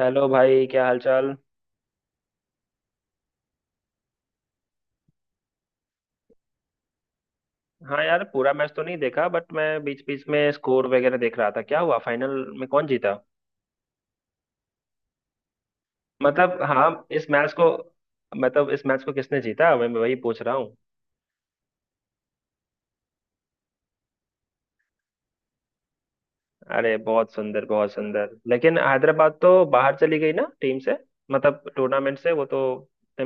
Hello भाई, क्या हालचाल। हाँ यार, पूरा मैच तो नहीं देखा बट मैं बीच बीच में स्कोर वगैरह देख रहा था। क्या हुआ, फाइनल में कौन जीता? मतलब हाँ इस मैच को मतलब इस मैच को किसने जीता, मैं वही पूछ रहा हूँ। अरे, बहुत सुंदर बहुत सुंदर। लेकिन हैदराबाद तो बाहर चली गई ना टीम से, मतलब टूर्नामेंट से। वो तो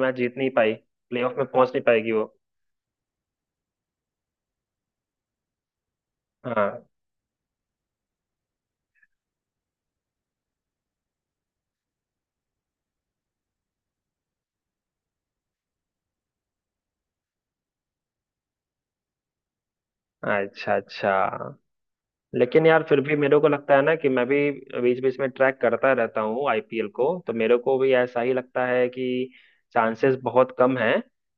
मैच जीत नहीं पाई, प्लेऑफ में पहुंच नहीं पाएगी वो। हाँ, अच्छा अच्छा। लेकिन यार, फिर भी मेरे को लगता है ना कि मैं भी बीच बीच में ट्रैक करता रहता हूँ आईपीएल को, तो मेरे को भी ऐसा ही लगता है कि चांसेस बहुत कम है।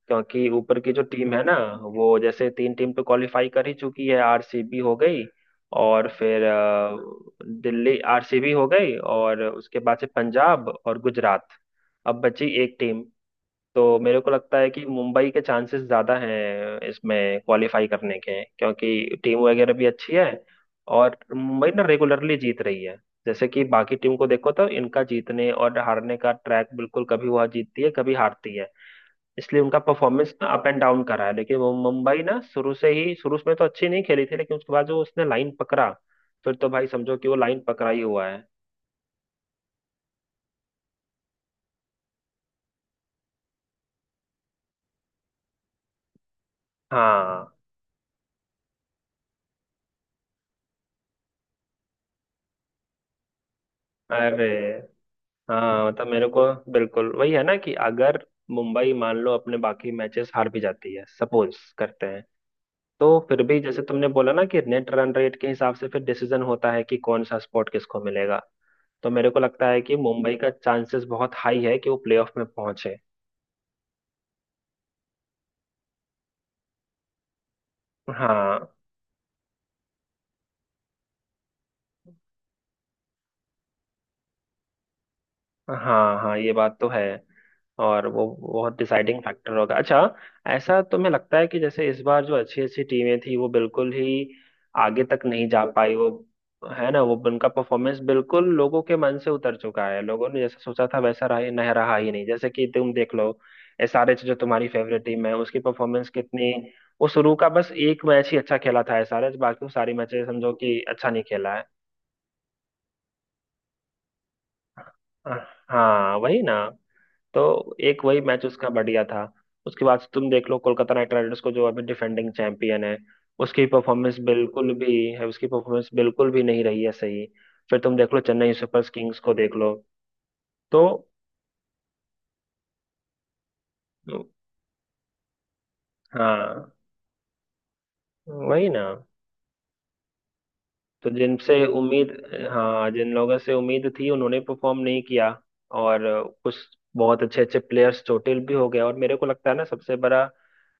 क्योंकि ऊपर की जो टीम है ना, वो जैसे तीन टीम तो क्वालिफाई कर ही चुकी है। आरसीबी हो गई, और फिर दिल्ली, आरसीबी हो गई, और उसके बाद से पंजाब और गुजरात। अब बची एक टीम। तो मेरे को लगता है कि मुंबई के चांसेस ज्यादा हैं इसमें क्वालिफाई करने के, क्योंकि टीम वगैरह भी अच्छी है। और मुंबई ना रेगुलरली जीत रही है। जैसे कि बाकी टीम को देखो तो इनका जीतने और हारने का ट्रैक बिल्कुल, कभी वह जीतती है कभी हारती है, इसलिए उनका परफॉर्मेंस ना अप एंड डाउन करा है। लेकिन वो मुंबई ना शुरू से ही, शुरू में तो अच्छी नहीं खेली थी, लेकिन उसके बाद जो उसने लाइन पकड़ा, फिर तो भाई समझो कि वो लाइन पकड़ा ही हुआ है। हाँ। अरे हाँ, मतलब मेरे को बिल्कुल वही है ना कि अगर मुंबई मान लो अपने बाकी मैचेस हार भी जाती है, सपोज करते हैं, तो फिर भी जैसे तुमने बोला ना कि नेट रन रेट के हिसाब से फिर डिसीजन होता है कि कौन सा स्पॉट किसको मिलेगा। तो मेरे को लगता है कि मुंबई का चांसेस बहुत हाई है कि वो प्लेऑफ में पहुंचे। हाँ हाँ हाँ, ये बात तो है। और वो बहुत डिसाइडिंग फैक्टर होगा। अच्छा, ऐसा तुम्हें लगता है कि जैसे इस बार जो अच्छी अच्छी टीमें थी वो बिल्कुल ही आगे तक नहीं जा पाई वो? है ना, वो उनका परफॉर्मेंस बिल्कुल लोगों के मन से उतर चुका है। लोगों ने जैसा सोचा था वैसा रहा ही नहीं, रहा ही नहीं। जैसे कि तुम देख लो, एसआरएच जो तुम्हारी फेवरेट टीम है, उसकी परफॉर्मेंस कितनी। वो शुरू का बस एक मैच ही अच्छा खेला था एसआरएच, बाकी वो सारी मैचेस समझो कि अच्छा नहीं खेला है। हाँ, वही ना। तो एक वही मैच उसका बढ़िया था। उसके बाद से तुम देख लो कोलकाता नाइट राइडर्स को, जो अभी डिफेंडिंग चैंपियन है। उसकी परफॉर्मेंस बिल्कुल भी नहीं रही है सही। फिर तुम देख लो चेन्नई सुपर किंग्स को, देख लो तो। हाँ, वही ना। तो जिनसे उम्मीद हाँ, जिन लोगों से उम्मीद थी उन्होंने परफॉर्म नहीं किया। और कुछ बहुत अच्छे अच्छे प्लेयर्स चोटिल भी हो गए, और मेरे को लगता है ना सबसे बड़ा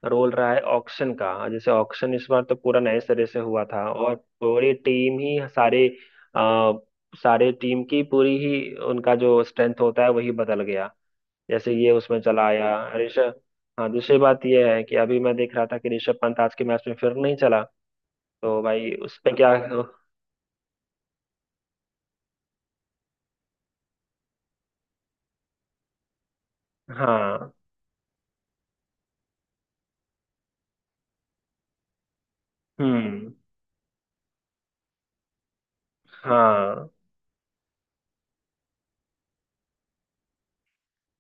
रोल रहा है ऑक्शन का। जैसे ऑक्शन इस बार तो पूरा नए सिरे से हुआ था, और पूरी टीम ही आ, सारे टीम की पूरी ही, उनका जो स्ट्रेंथ होता है वही बदल गया। जैसे ये उसमें चला आया, ऋषभ। हाँ, दूसरी बात ये है कि अभी मैं देख रहा था कि ऋषभ पंत आज के मैच में फिर नहीं चला। तो भाई उस पे क्या। हाँ, हम्म, हाँ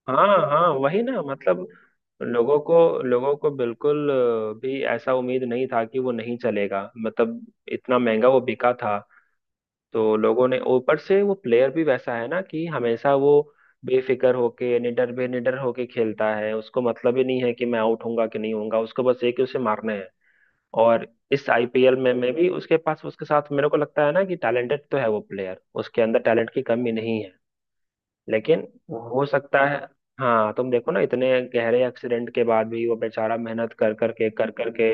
हाँ हाँ, वही ना, मतलब। लोगों को लोगों को बिल्कुल भी ऐसा उम्मीद नहीं था कि वो नहीं चलेगा। मतलब इतना महंगा वो बिका था। तो लोगों ने ऊपर से, वो प्लेयर भी वैसा है ना कि हमेशा वो बेफिक्र होके निडर होके खेलता है। उसको मतलब ही नहीं है कि मैं आउट होऊंगा कि नहीं होऊंगा, उसको बस एक ही, उसे मारना है। और इस आईपीएल में भी, उसके साथ, मेरे को लगता है ना कि टैलेंटेड तो है वो प्लेयर, उसके अंदर टैलेंट की कमी नहीं है। लेकिन हाँ, हो सकता है। हाँ, तुम देखो ना, इतने गहरे एक्सीडेंट के बाद भी वो बेचारा मेहनत कर कर के कर कर के,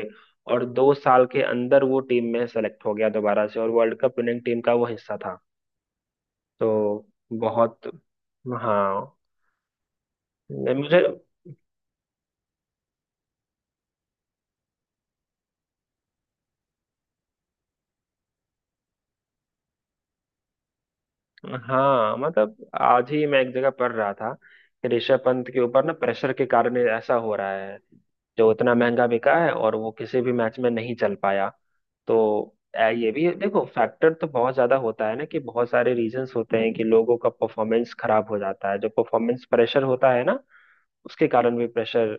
और 2 साल के अंदर वो टीम में सेलेक्ट हो गया दोबारा से, और वर्ल्ड कप विनिंग टीम का वो हिस्सा था। तो बहुत। हाँ। नहीं, मुझे। हाँ, मतलब आज ही मैं एक जगह पढ़ रहा था कि ऋषभ पंत के ऊपर ना प्रेशर के कारण ऐसा हो रहा है, जो इतना महंगा बिका है और वो किसी भी मैच में नहीं चल पाया। तो ये भी देखो, फैक्टर तो बहुत ज्यादा होता है ना कि बहुत सारे रीजंस होते हैं कि लोगों का परफॉर्मेंस खराब हो जाता है। जो परफॉर्मेंस प्रेशर होता है ना, उसके कारण भी, प्रेशर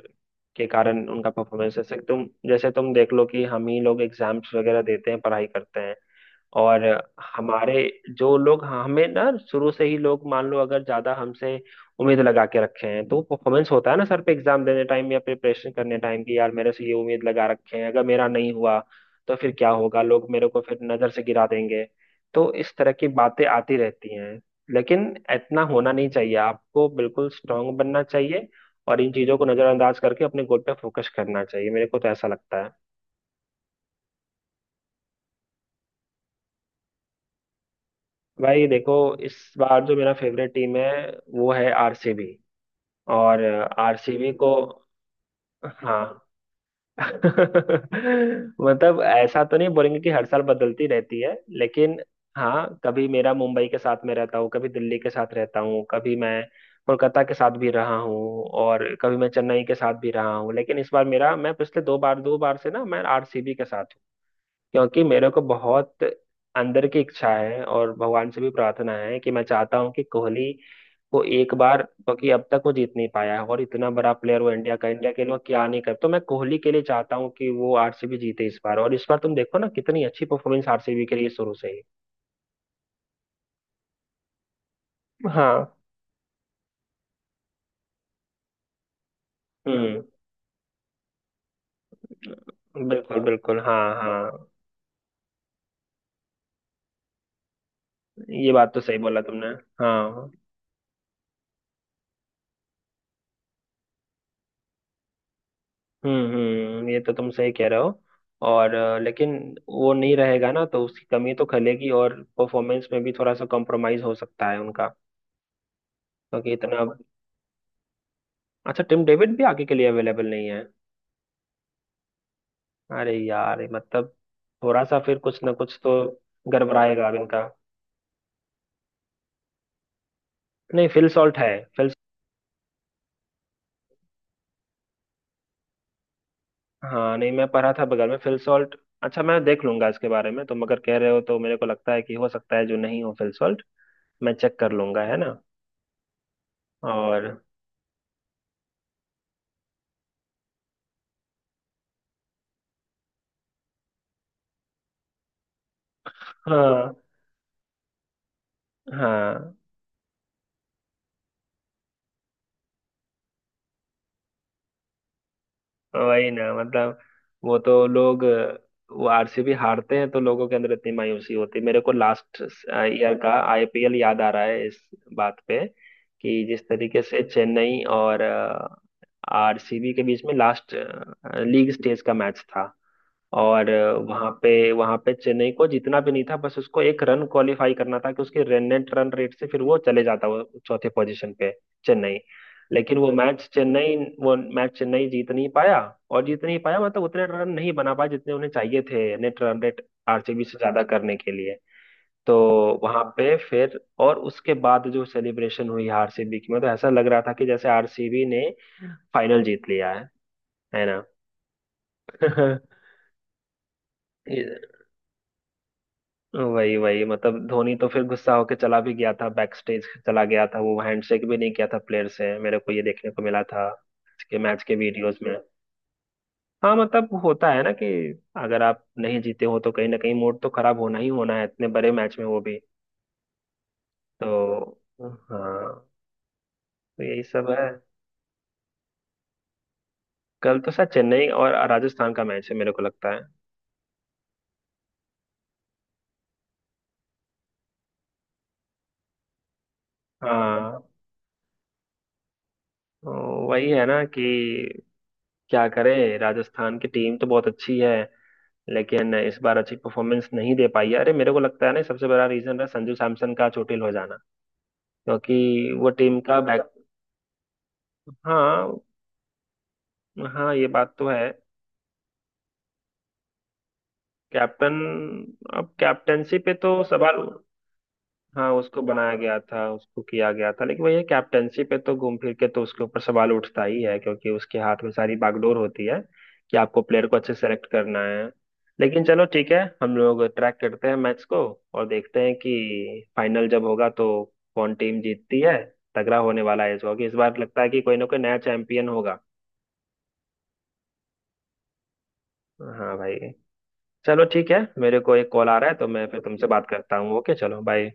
के कारण उनका परफॉर्मेंस, जैसे तुम देख लो कि हम ही लोग एग्जाम्स वगैरह देते हैं, पढ़ाई करते हैं। और हमारे जो लोग हाँ, हमें ना शुरू से ही लोग मान लो अगर ज्यादा हमसे उम्मीद लगा के रखे हैं, तो परफॉर्मेंस होता है ना सर पे, एग्जाम देने टाइम या प्रिपरेशन करने टाइम की, यार मेरे से ये उम्मीद लगा रखे हैं, अगर मेरा नहीं हुआ तो फिर क्या होगा, लोग मेरे को फिर नजर से गिरा देंगे। तो इस तरह की बातें आती रहती हैं। लेकिन इतना होना नहीं चाहिए, आपको बिल्कुल स्ट्रांग बनना चाहिए, और इन चीजों को नजरअंदाज करके अपने गोल पे फोकस करना चाहिए, मेरे को तो ऐसा लगता है। भाई देखो, इस बार जो मेरा फेवरेट टीम है वो है आरसीबी। और आरसीबी को हाँ, मतलब ऐसा तो नहीं बोलेंगे कि हर साल बदलती रहती है। लेकिन हाँ, कभी मेरा मुंबई के साथ में रहता हूँ, कभी दिल्ली के साथ रहता हूँ, कभी मैं कोलकाता के साथ भी रहा हूँ, और कभी मैं चेन्नई के साथ भी रहा हूँ। लेकिन इस बार मेरा मैं पिछले दो बार से ना, मैं आरसीबी के साथ। क्योंकि मेरे को बहुत अंदर की इच्छा है, और भगवान से भी प्रार्थना है कि मैं चाहता हूं कि कोहली को एक बार, क्योंकि अब तक वो जीत नहीं पाया है, और इतना बड़ा प्लेयर वो, इंडिया का, इंडिया के लिए वो क्या नहीं कर, तो मैं कोहली के लिए चाहता हूँ कि वो आरसीबी जीते इस बार। और इस बार तुम देखो ना कितनी अच्छी परफॉर्मेंस आरसीबी के लिए शुरू से ही। हाँ, हम्म, बिल्कुल बिल्कुल, हाँ हाँ, ये बात तो सही बोला तुमने। हाँ, हम्म, ये तो तुम सही कह रहे हो। और लेकिन वो नहीं रहेगा ना, तो उसकी कमी तो खलेगी, और परफॉर्मेंस में भी थोड़ा सा कॉम्प्रोमाइज हो सकता है उनका, क्योंकि इतना। अच्छा, टिम डेविड भी आगे के लिए अवेलेबल नहीं है। अरे यार, मतलब थोड़ा सा फिर कुछ ना कुछ तो गड़बड़ाएगा अब इनका। नहीं, फिल सॉल्ट है। फिल हाँ, नहीं, मैं पढ़ा था बगल में फिल सॉल्ट। अच्छा, मैं देख लूंगा इसके बारे में। तुम अगर कह रहे हो तो मेरे को लगता है कि हो सकता है जो नहीं हो फिल सॉल्ट, मैं चेक कर लूंगा, है ना। और हाँ हाँ, वही ना, मतलब वो तो लोग वो, आरसीबी हारते हैं तो लोगों के अंदर इतनी मायूसी होती है। मेरे को लास्ट ईयर का आईपीएल याद आ रहा है इस बात पे, कि जिस तरीके से चेन्नई और आरसीबी के बीच में लास्ट लीग स्टेज का मैच था, और वहां पे वहां पे चेन्नई को जीतना भी नहीं था, बस उसको एक रन क्वालिफाई करना था कि उसके रन नेट रन रेट से फिर वो चले जाता वो चौथे पोजीशन पे, चेन्नई। लेकिन वो मैच चेन्नई जीत नहीं पाया, और जीत नहीं पाया मतलब उतने रन नहीं बना पाया जितने उन्हें चाहिए थे नेट रन रेट आरसीबी से ज्यादा करने के लिए। तो वहां पे फिर, और उसके बाद जो सेलिब्रेशन हुई आरसीबी की, मतलब ऐसा लग रहा था कि जैसे आरसीबी ने फाइनल जीत लिया है ना। वही वही, मतलब धोनी तो फिर गुस्सा होके चला भी गया था, बैक स्टेज चला गया था, वो हैंडशेक भी नहीं किया था प्लेयर से, मेरे को ये देखने को मिला था के मैच के वीडियोस में। हाँ, मतलब होता है ना कि अगर आप नहीं जीते हो तो कहीं ना कहीं मूड तो खराब होना ही होना है, इतने बड़े मैच में वो भी। तो हाँ, तो यही सब है। कल तो शायद चेन्नई और राजस्थान का मैच है, मेरे को लगता है। हाँ, तो वही है ना कि क्या करे, राजस्थान की टीम तो बहुत अच्छी है, लेकिन इस बार अच्छी परफॉर्मेंस नहीं दे पाई है। अरे, मेरे को लगता है ना सबसे बड़ा रीजन है संजू सैमसन का चोटिल हो जाना, क्योंकि वो टीम का बैक। हाँ हाँ, ये बात तो है। कैप्टन अब कैप्टनसी पे तो सवाल। हाँ, उसको बनाया गया था, उसको किया गया था, लेकिन भैया कैप्टेंसी पे तो घूम फिर के तो उसके ऊपर सवाल उठता ही है, क्योंकि उसके हाथ में सारी बागडोर होती है कि आपको प्लेयर को अच्छे सेलेक्ट करना है। लेकिन चलो ठीक है, हम लोग ट्रैक करते हैं मैच को, और देखते हैं कि फाइनल जब होगा तो कौन टीम जीतती है। तगड़ा होने वाला है इस बार, क्योंकि इस बार लगता है कि कोई ना कोई नया चैंपियन होगा। हाँ भाई, चलो ठीक है, मेरे को एक कॉल आ रहा है, तो मैं फिर तुमसे बात करता हूँ। ओके, चलो बाय।